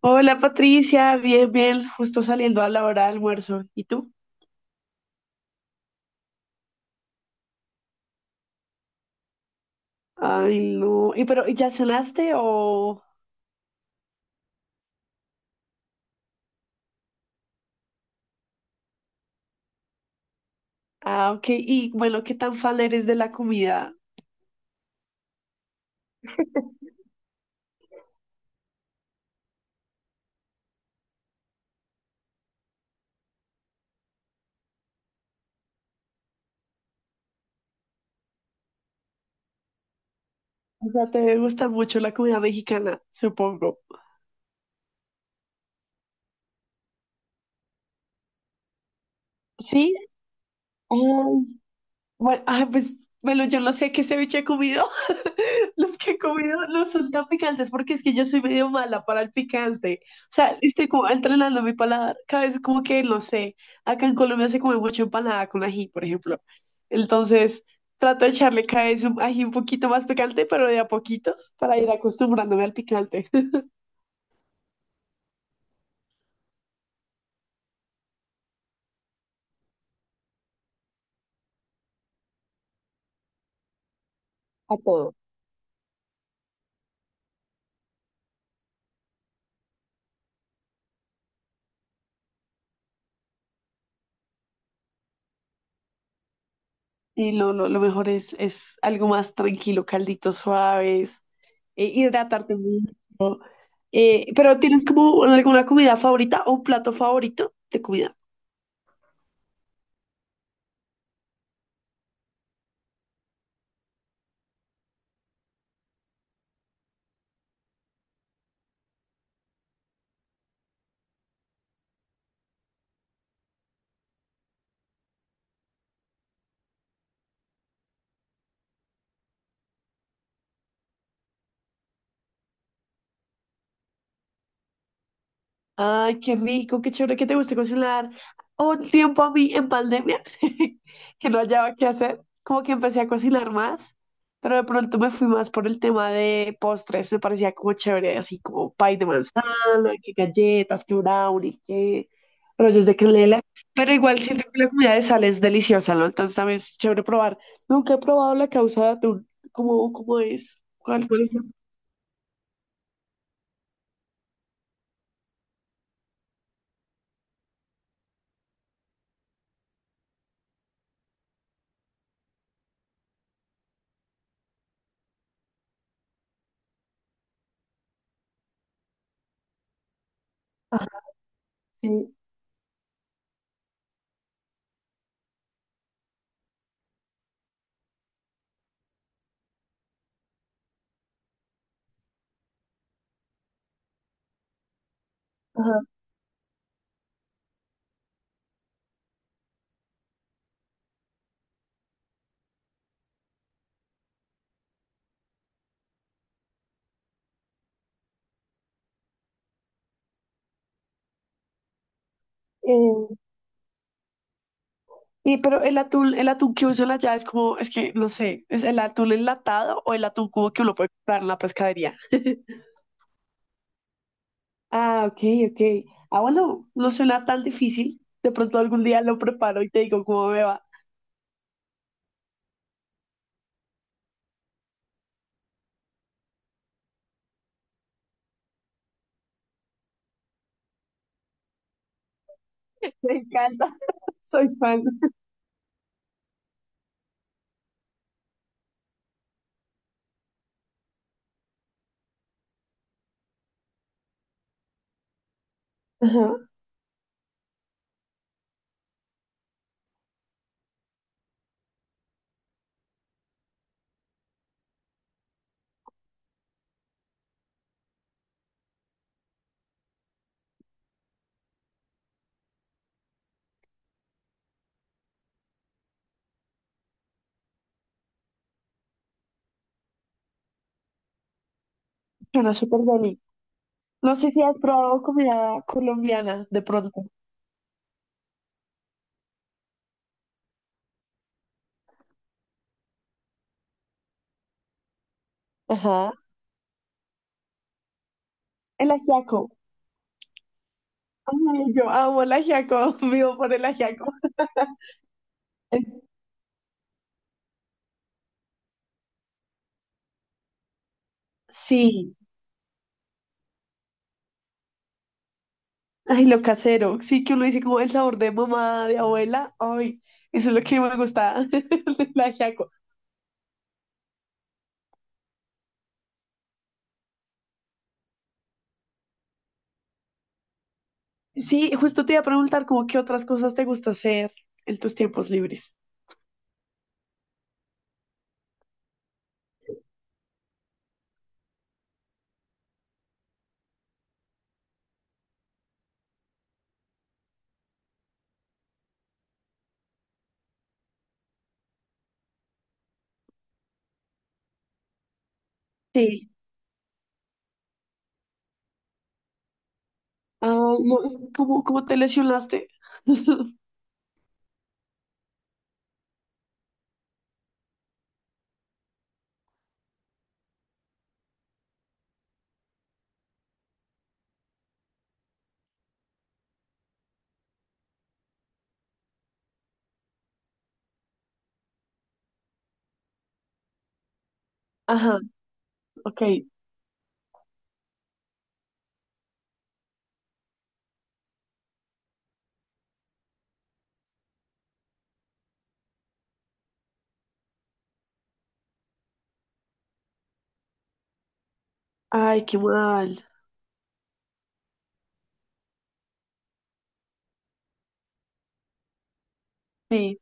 Hola Patricia, bien, bien, justo saliendo a la hora de almuerzo. ¿Y tú? Ay, no. ¿Y pero ya cenaste o...? Ah, ok. Y bueno, ¿qué tan fan eres de la comida? O sea, te gusta mucho la comida mexicana, supongo. ¿Sí? Ay, bueno, ah, pues, bueno, yo no sé qué ceviche he comido. Los que he comido no son tan picantes porque es que yo soy medio mala para el picante. O sea, estoy como entrenando mi paladar. Cada vez como que, no sé, acá en Colombia se come mucho empanada con ají, por ejemplo. Entonces, trato de echarle cada vez un ají un poquito más picante, pero de a poquitos, para ir acostumbrándome al picante, a todo. Y lo mejor es algo más tranquilo, calditos suaves, hidratarte mucho. Pero ¿tienes como alguna comida favorita o un plato favorito de comida? Ay, qué rico, qué chévere que te guste cocinar. Hubo un tiempo a mí en pandemia que no hallaba qué hacer, como que empecé a cocinar más, pero de pronto me fui más por el tema de postres, me parecía como chévere, así como pay de manzana, que galletas, que brownie, que rollos de canela, pero igual siento que la comida de sal es deliciosa, ¿no? Entonces también es chévere probar. Nunca he probado la causa de atún, ¿cómo, cómo es? ¿Cuál, cuál es? La- ah, sí, ajá. Y pero el atún que usa allá es como, es que no sé, ¿es el atún enlatado o el atún cubo que uno puede comprar en la pescadería? Ah, ok, ok. Ah, bueno, no suena tan difícil. De pronto algún día lo preparo y te digo cómo me va. Me encanta, soy fan. Ajá, suena súper bien. No sé si has probado comida colombiana de pronto. Ajá. El ajiaco. Ay, yo amo el ajiaco, vivo por el ajiaco. Sí. Ay, lo casero. Sí, que uno dice como el sabor de mamá, de abuela. Ay, eso es lo que me gusta de la ajiaco. Sí, justo te iba a preguntar como qué otras cosas te gusta hacer en tus tiempos libres. Sí. Ah, no, ¿cómo, cómo te lesionaste? Ajá. Ok, ay, qué mal. Sí,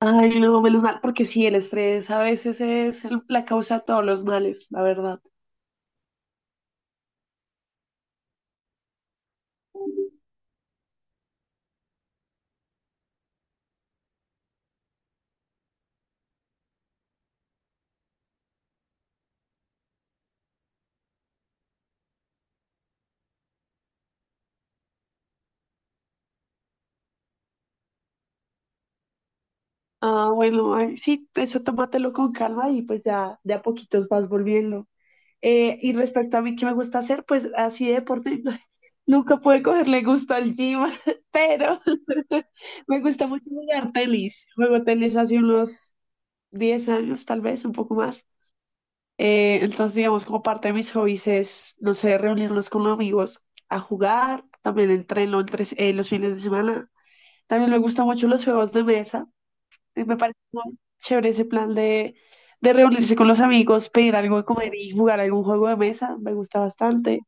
ay, no, menos mal, porque sí, el estrés a veces es la causa de todos los males, la verdad. Ah, bueno, ay, sí, eso tómatelo con calma y pues ya de a poquitos vas volviendo. Y respecto a mí, ¿qué me gusta hacer? Pues así de deporte, nunca pude cogerle gusto al gym, pero me gusta mucho jugar tenis. Juego tenis hace unos 10 años, tal vez, un poco más. Entonces, digamos, como parte de mis hobbies es, no sé, reunirnos con amigos a jugar, también entreno los fines de semana. También me gustan mucho los juegos de mesa. Me parece muy chévere ese plan de reunirse con los amigos, pedir algo de comer y jugar algún juego de mesa. Me gusta bastante.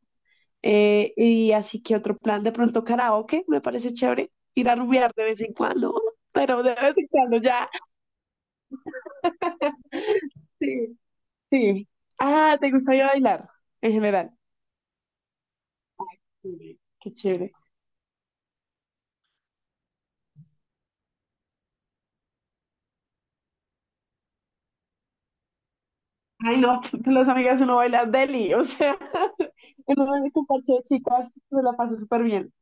Y así que otro plan, de pronto karaoke, me parece chévere. Ir a rumbear de vez en cuando, pero de vez en cuando ya. Sí, sí. Ah, ¿te gusta ir a bailar en general? Sí, qué chévere. Ay, no, con las amigas uno baila deli, o sea, uno baila con parche de chicas, se la pasa súper bien.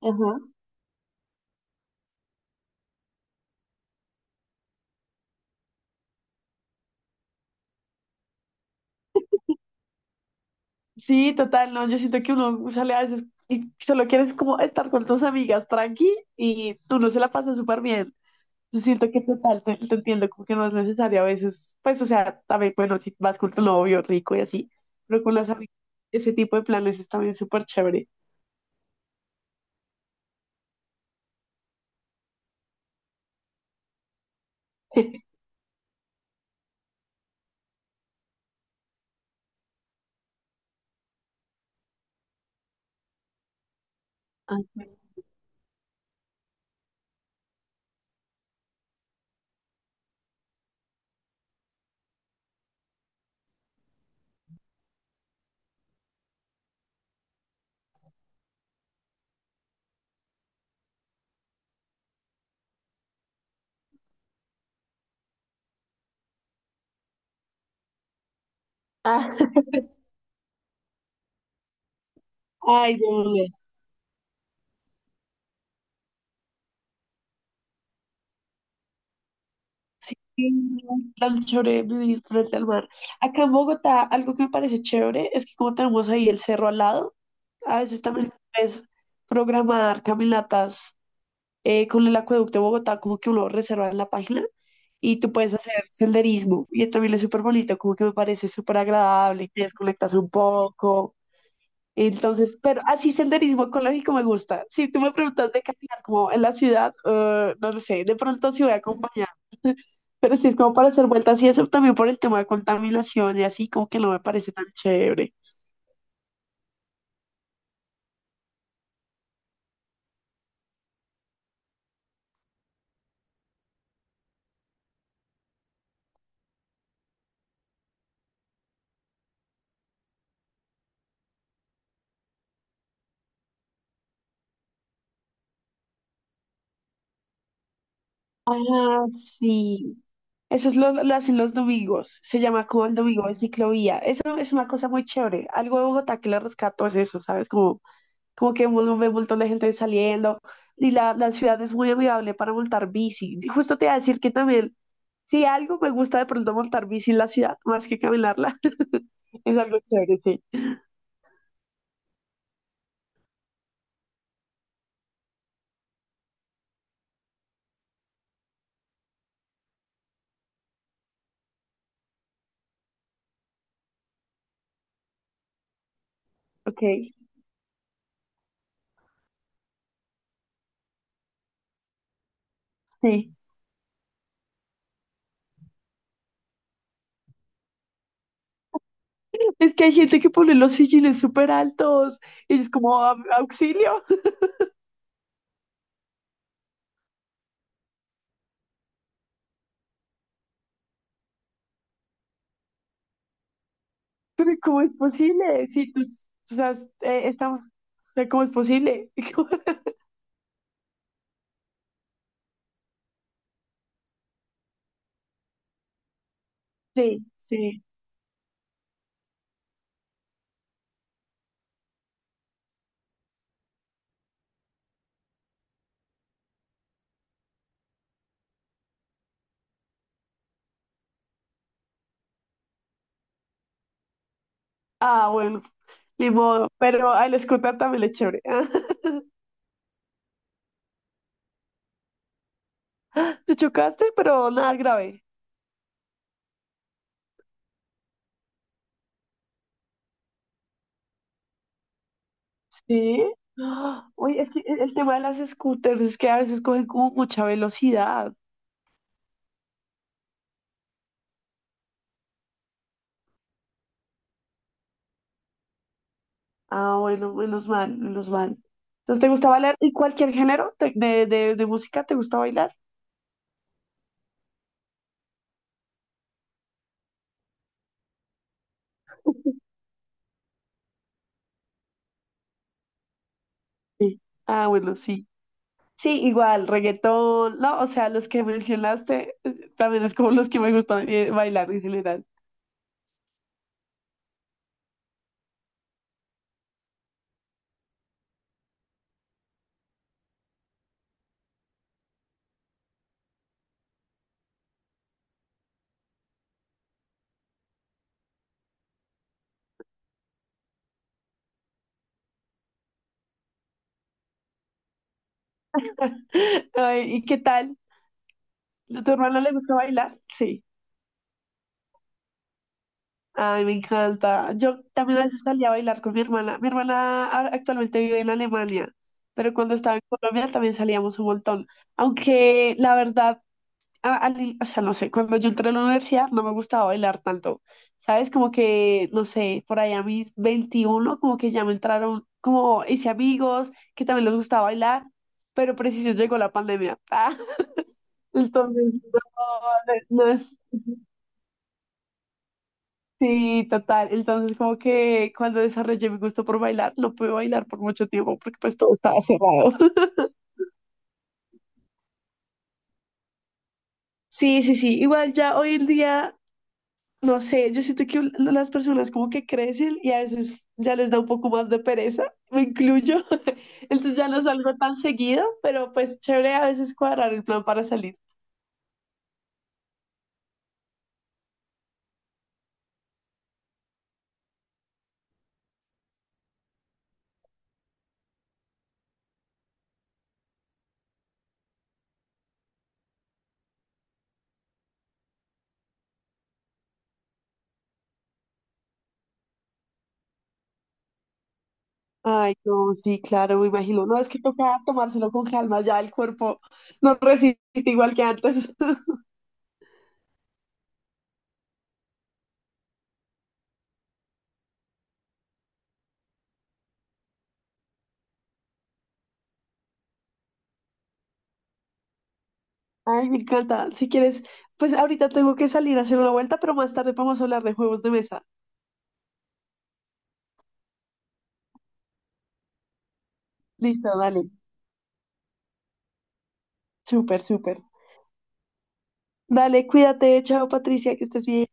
Ajá. Sí, total, no, yo siento que uno sale a veces y solo quieres como estar con tus amigas tranqui y tú no se la pasas súper bien. Yo siento que total, te entiendo, como que no es necesario a veces, pues, o sea, también, bueno, si vas con tu novio rico y así, pero con las amigas, ese tipo de planes es también súper chévere. Ay, ah, ay, Dios. Sí, tan chévere vivir frente al mar. Acá en Bogotá, algo que me parece chévere es que como tenemos ahí el cerro al lado, a veces también puedes programar caminatas con el acueducto de Bogotá, como que uno reserva en la página y tú puedes hacer senderismo. Y también es súper bonito, como que me parece súper agradable, te desconectas un poco. Entonces, pero así senderismo ecológico me gusta. Si tú me preguntas de caminar como en la ciudad, no lo sé, de pronto sí voy acompañada. Pero si es como para hacer vueltas y eso también por el tema de contaminación y así, como que no me parece tan chévere. Ah, sí. Eso es lo hacen los domingos, se llama como el domingo de ciclovía. Eso es una cosa muy chévere. Algo de Bogotá que le rescato es eso, ¿sabes? Como, como que uno ve un montón de gente saliendo y la ciudad es muy amigable para montar bici. Y justo te iba a decir que también, si algo me gusta de pronto montar bici en la ciudad, más que caminarla, es algo chévere, sí. Ok, sí. Es que hay gente que pone los sillines súper altos y es como "Au- auxilio. Pero ¿cómo es posible? Si tú, o sea, es- está, o sea, ¿cómo es posible? Sí, sí. Ah, bueno, ni modo. Pero a el scooter también le es chévere. Te chocaste, pero nada grave. Sí. Ah, oye, es que el tema de las scooters es que a veces cogen como mucha velocidad. Ah, bueno, menos mal, menos mal. Entonces, ¿te gusta bailar? ¿Y cualquier género de música? ¿Te gusta bailar? Sí. Ah, bueno, sí. Sí, igual, reggaetón, no, o sea, los que mencionaste también es como los que me gustan bailar en general. Ay, ¿y qué tal? ¿A tu hermano le gusta bailar? Sí. Ay, me encanta. Yo también a veces salía a bailar con mi hermana. Mi hermana ahora- actualmente vive en Alemania, pero cuando estaba en Colombia también salíamos un montón. Aunque la verdad o sea, no sé, cuando yo entré a la universidad no me gustaba bailar tanto, ¿sabes? Como que, no sé, por ahí a mis 21 como que ya me entraron, como hice amigos que también les gustaba bailar, pero preciso llegó la pandemia. Ah, entonces, no, no es... Sí, total. Entonces, como que cuando desarrollé mi gusto por bailar, no pude bailar por mucho tiempo porque pues todo estaba cerrado. Sí, sí, sí. Igual ya hoy en día no sé, yo siento que las personas como que crecen y a veces ya les da un poco más de pereza, me incluyo. Entonces ya no salgo tan seguido, pero pues chévere a veces cuadrar el plan para salir. Ay, no, sí, claro, me imagino. No, es que toca tomárselo con calma, ya el cuerpo no resiste igual que antes. Ay, me encanta. Si quieres, pues ahorita tengo que salir a hacer una vuelta, pero más tarde vamos a hablar de juegos de mesa. Listo, dale. Súper, súper. Dale, cuídate. Chao, Patricia, que estés bien.